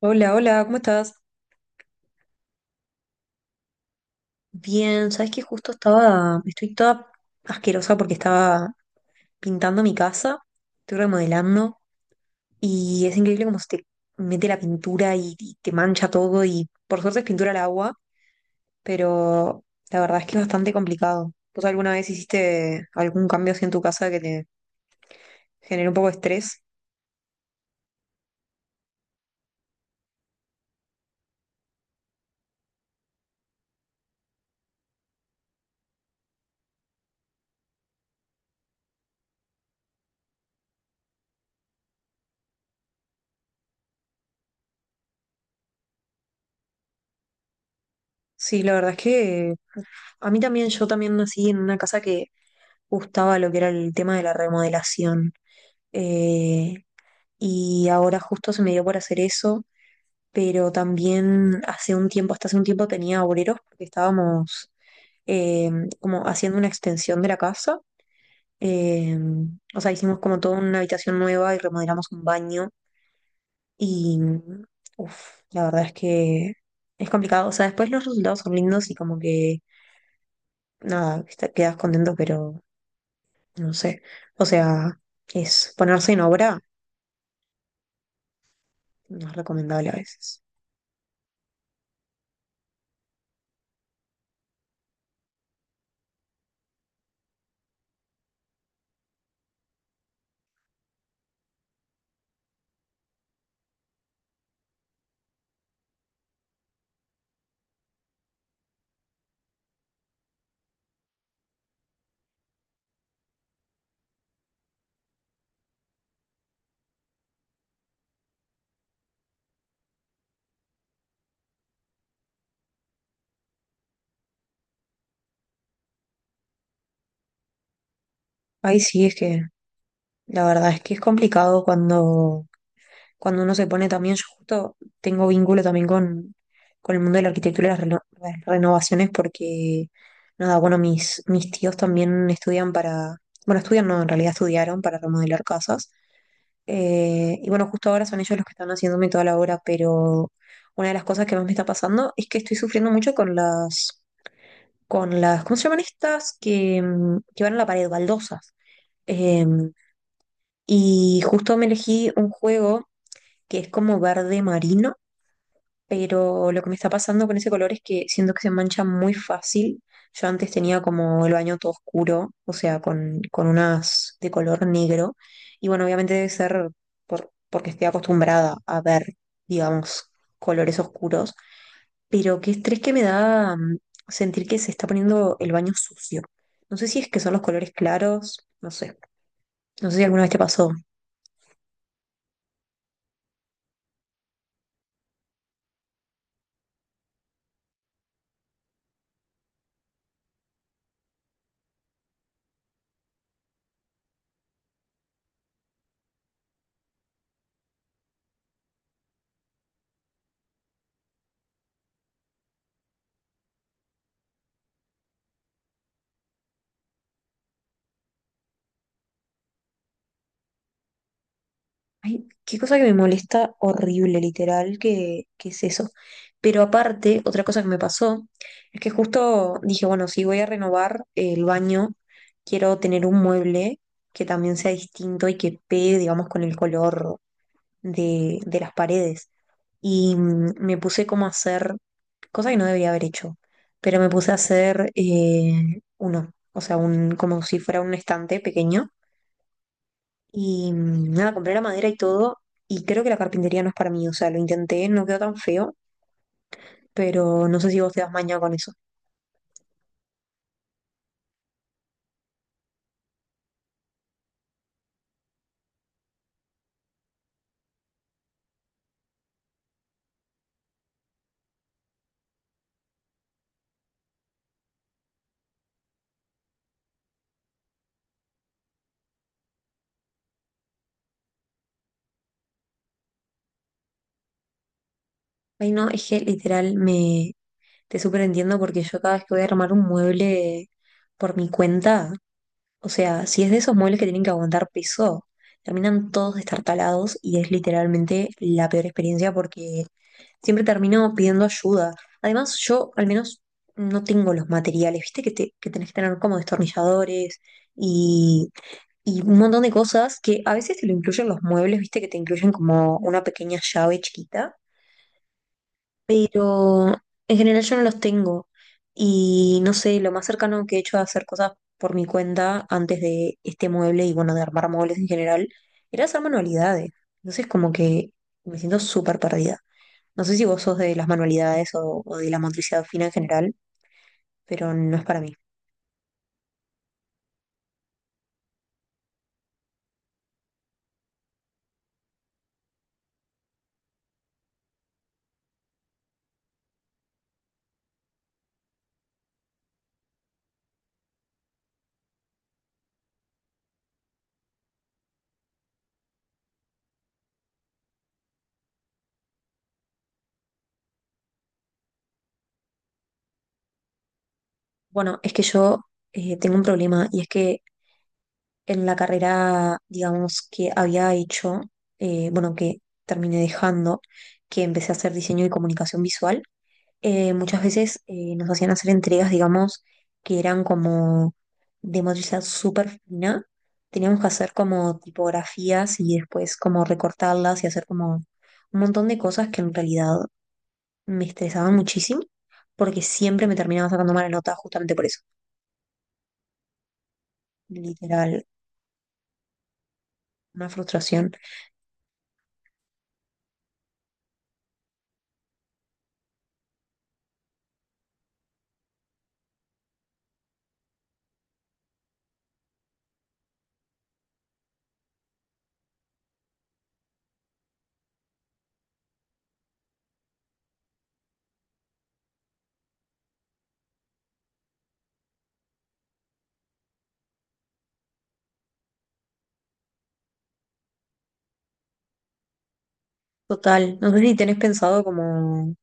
Hola, hola, ¿cómo estás? Bien, sabes que justo estoy toda asquerosa porque estaba pintando mi casa, estoy remodelando y es increíble cómo se te mete la pintura y te mancha todo, y por suerte es pintura al agua, pero la verdad es que es bastante complicado. ¿Vos alguna vez hiciste algún cambio así en tu casa que te generó un poco de estrés? Sí, la verdad es que a mí también, yo también nací en una casa que gustaba lo que era el tema de la remodelación. Eh, y ahora justo se me dio por hacer eso, pero también hace un tiempo, hasta hace un tiempo tenía obreros porque estábamos eh, como haciendo una extensión de la casa, eh, o sea, hicimos como toda una habitación nueva y remodelamos un baño y, uff, la verdad es que es complicado. O sea, después los resultados son lindos y como que, nada, quedas contento, pero no sé, o sea, es ponerse en obra, no es recomendable a veces. Ay, sí, es que la verdad es que es complicado cuando, cuando uno se pone también, yo justo tengo vínculo también con el mundo de la arquitectura y las, las renovaciones porque, nada, bueno, mis tíos también estudian para, bueno, estudian, no, en realidad estudiaron para remodelar casas. Eh, y bueno, justo ahora son ellos los que están haciéndome toda la obra, pero una de las cosas que más me está pasando es que estoy sufriendo mucho con las, ¿cómo se llaman estas? Que, que van a la pared, baldosas. em, y justo me elegí un juego que es como verde marino, pero lo que me está pasando con ese color es que siento que se mancha muy fácil. Yo antes tenía como el baño todo oscuro, o sea, con unas de color negro. Y bueno, obviamente debe ser porque estoy acostumbrada a ver, digamos, colores oscuros, pero qué estrés que me da, sentir que se está poniendo el baño sucio. No sé si es que son los colores claros, no sé. No sé si alguna vez te pasó. Ay, qué cosa que me molesta horrible, literal, que es eso. Pero aparte, otra cosa que me pasó es que justo dije, bueno, si voy a renovar el baño, quiero tener un mueble que también sea distinto y que pegue, digamos, con el color de las paredes. Y me puse como a hacer, cosa que no debería haber hecho, pero me puse a hacer uno, o sea, un, como si fuera un estante pequeño y nada, compré la madera y todo, y creo que la carpintería no es para mí. O sea, lo intenté, no quedó tan feo, pero no sé si vos te das maña con eso. Ay, no, es que literal me te súper entiendo porque yo cada vez que voy a armar un mueble por mi cuenta, o sea, si es de esos muebles que tienen que aguantar peso, terminan todos destartalados y es literalmente la peor experiencia porque siempre termino pidiendo ayuda. Además, yo al menos no tengo los materiales, viste que, que tenés que tener como destornilladores y, y un montón de cosas que a veces te lo incluyen los muebles, viste que te incluyen como una pequeña llave chiquita, pero en general yo no los tengo. Y no sé, lo más cercano que he hecho a hacer cosas por mi cuenta antes de este mueble y bueno, de armar muebles en general, era hacer manualidades. Entonces como que me siento súper perdida. No sé si vos sos de las manualidades o de la motricidad fina en general, pero no es para mí. Bueno, es que yo tengo un problema y es que en la carrera, digamos, que había hecho, bueno, que terminé dejando, que empecé a hacer diseño y comunicación visual, muchas veces nos hacían hacer entregas, digamos, que eran como de motricidad súper fina. Teníamos que hacer como tipografías y después como recortarlas y hacer como un montón de cosas que en realidad me estresaban muchísimo porque siempre me terminaba sacando mala nota justamente por eso. Literal, una frustración total. No sé si tenés pensado como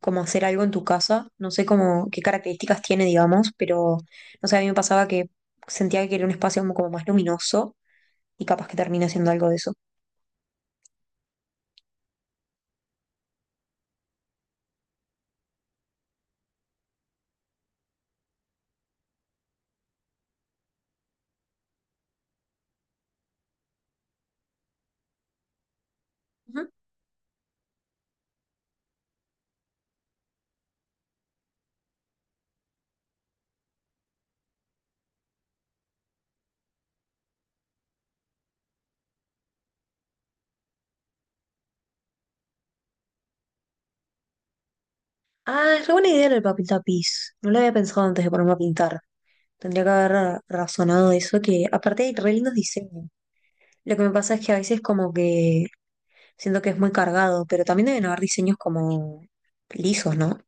como hacer algo en tu casa. No sé cómo, qué características tiene, digamos, pero no sé, a mí me pasaba que sentía que quería un espacio como, como más luminoso y capaz que termine siendo algo de eso. Ujú. Ah, es re buena idea el papel tapiz. No lo había pensado antes de ponerme a pintar. Tendría que haber razonado eso, que aparte hay re lindos diseños. Lo que me pasa es que a veces como que siento que es muy cargado, pero también deben haber diseños como lisos, ¿no?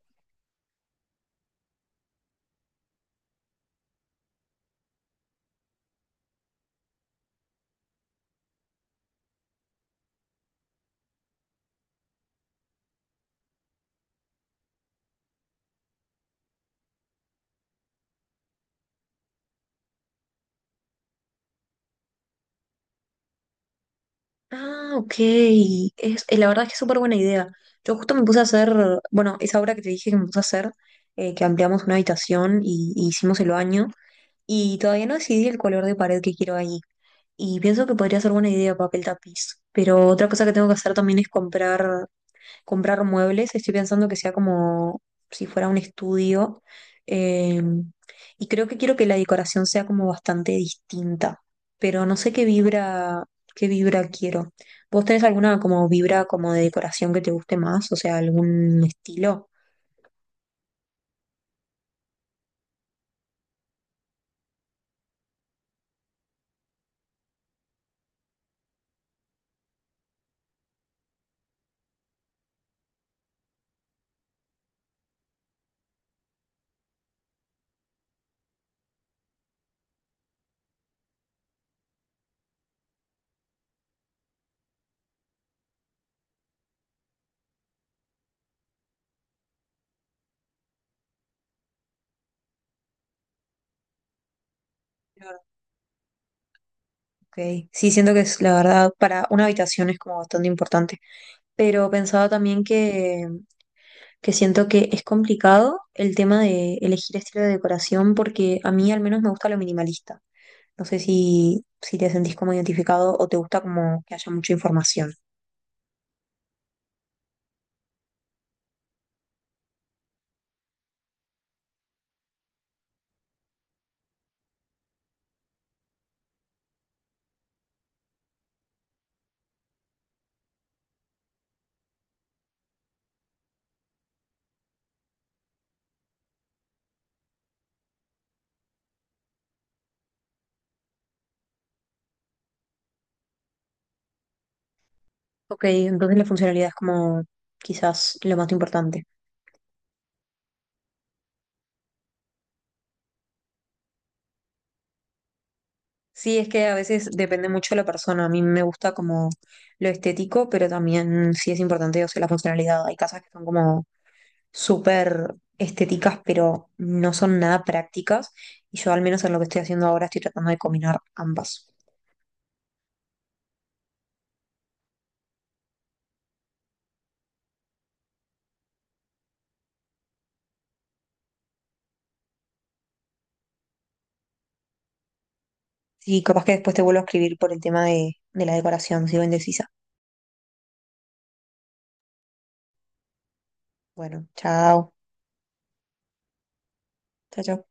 Ah, ok. Es, la verdad es que es súper buena idea. Yo justo me puse a hacer, bueno, esa obra que te dije que me puse a hacer, que ampliamos una habitación y hicimos el baño, y todavía no decidí el color de pared que quiero ahí. Y pienso que podría ser buena idea papel tapiz. Pero otra cosa que tengo que hacer también es comprar muebles, estoy pensando que sea como si fuera un estudio. eh, y creo que quiero que la decoración sea como bastante distinta, pero no sé qué vibra quiero. ¿Vos tenés alguna como vibra como de decoración que te guste más? O sea, algún estilo. Claro. Ok. Sí, siento que es la verdad, para una habitación es como bastante importante. Pero pensaba también que siento que es complicado el tema de elegir estilo de decoración porque a mí al menos me gusta lo minimalista. No sé si, si te sentís como identificado o te gusta como que haya mucha información. Ok, entonces la funcionalidad es como quizás lo más importante. Sí, es que a veces depende mucho de la persona. A mí me gusta como lo estético, pero también sí es importante, o sea, la funcionalidad. Hay casas que son como súper estéticas, pero no son nada prácticas. Y yo al menos en lo que estoy haciendo ahora estoy tratando de combinar ambas. Sí, capaz que después te vuelvo a escribir por el tema de la decoración, sigo indecisa. Bueno, chao. Chao, chao.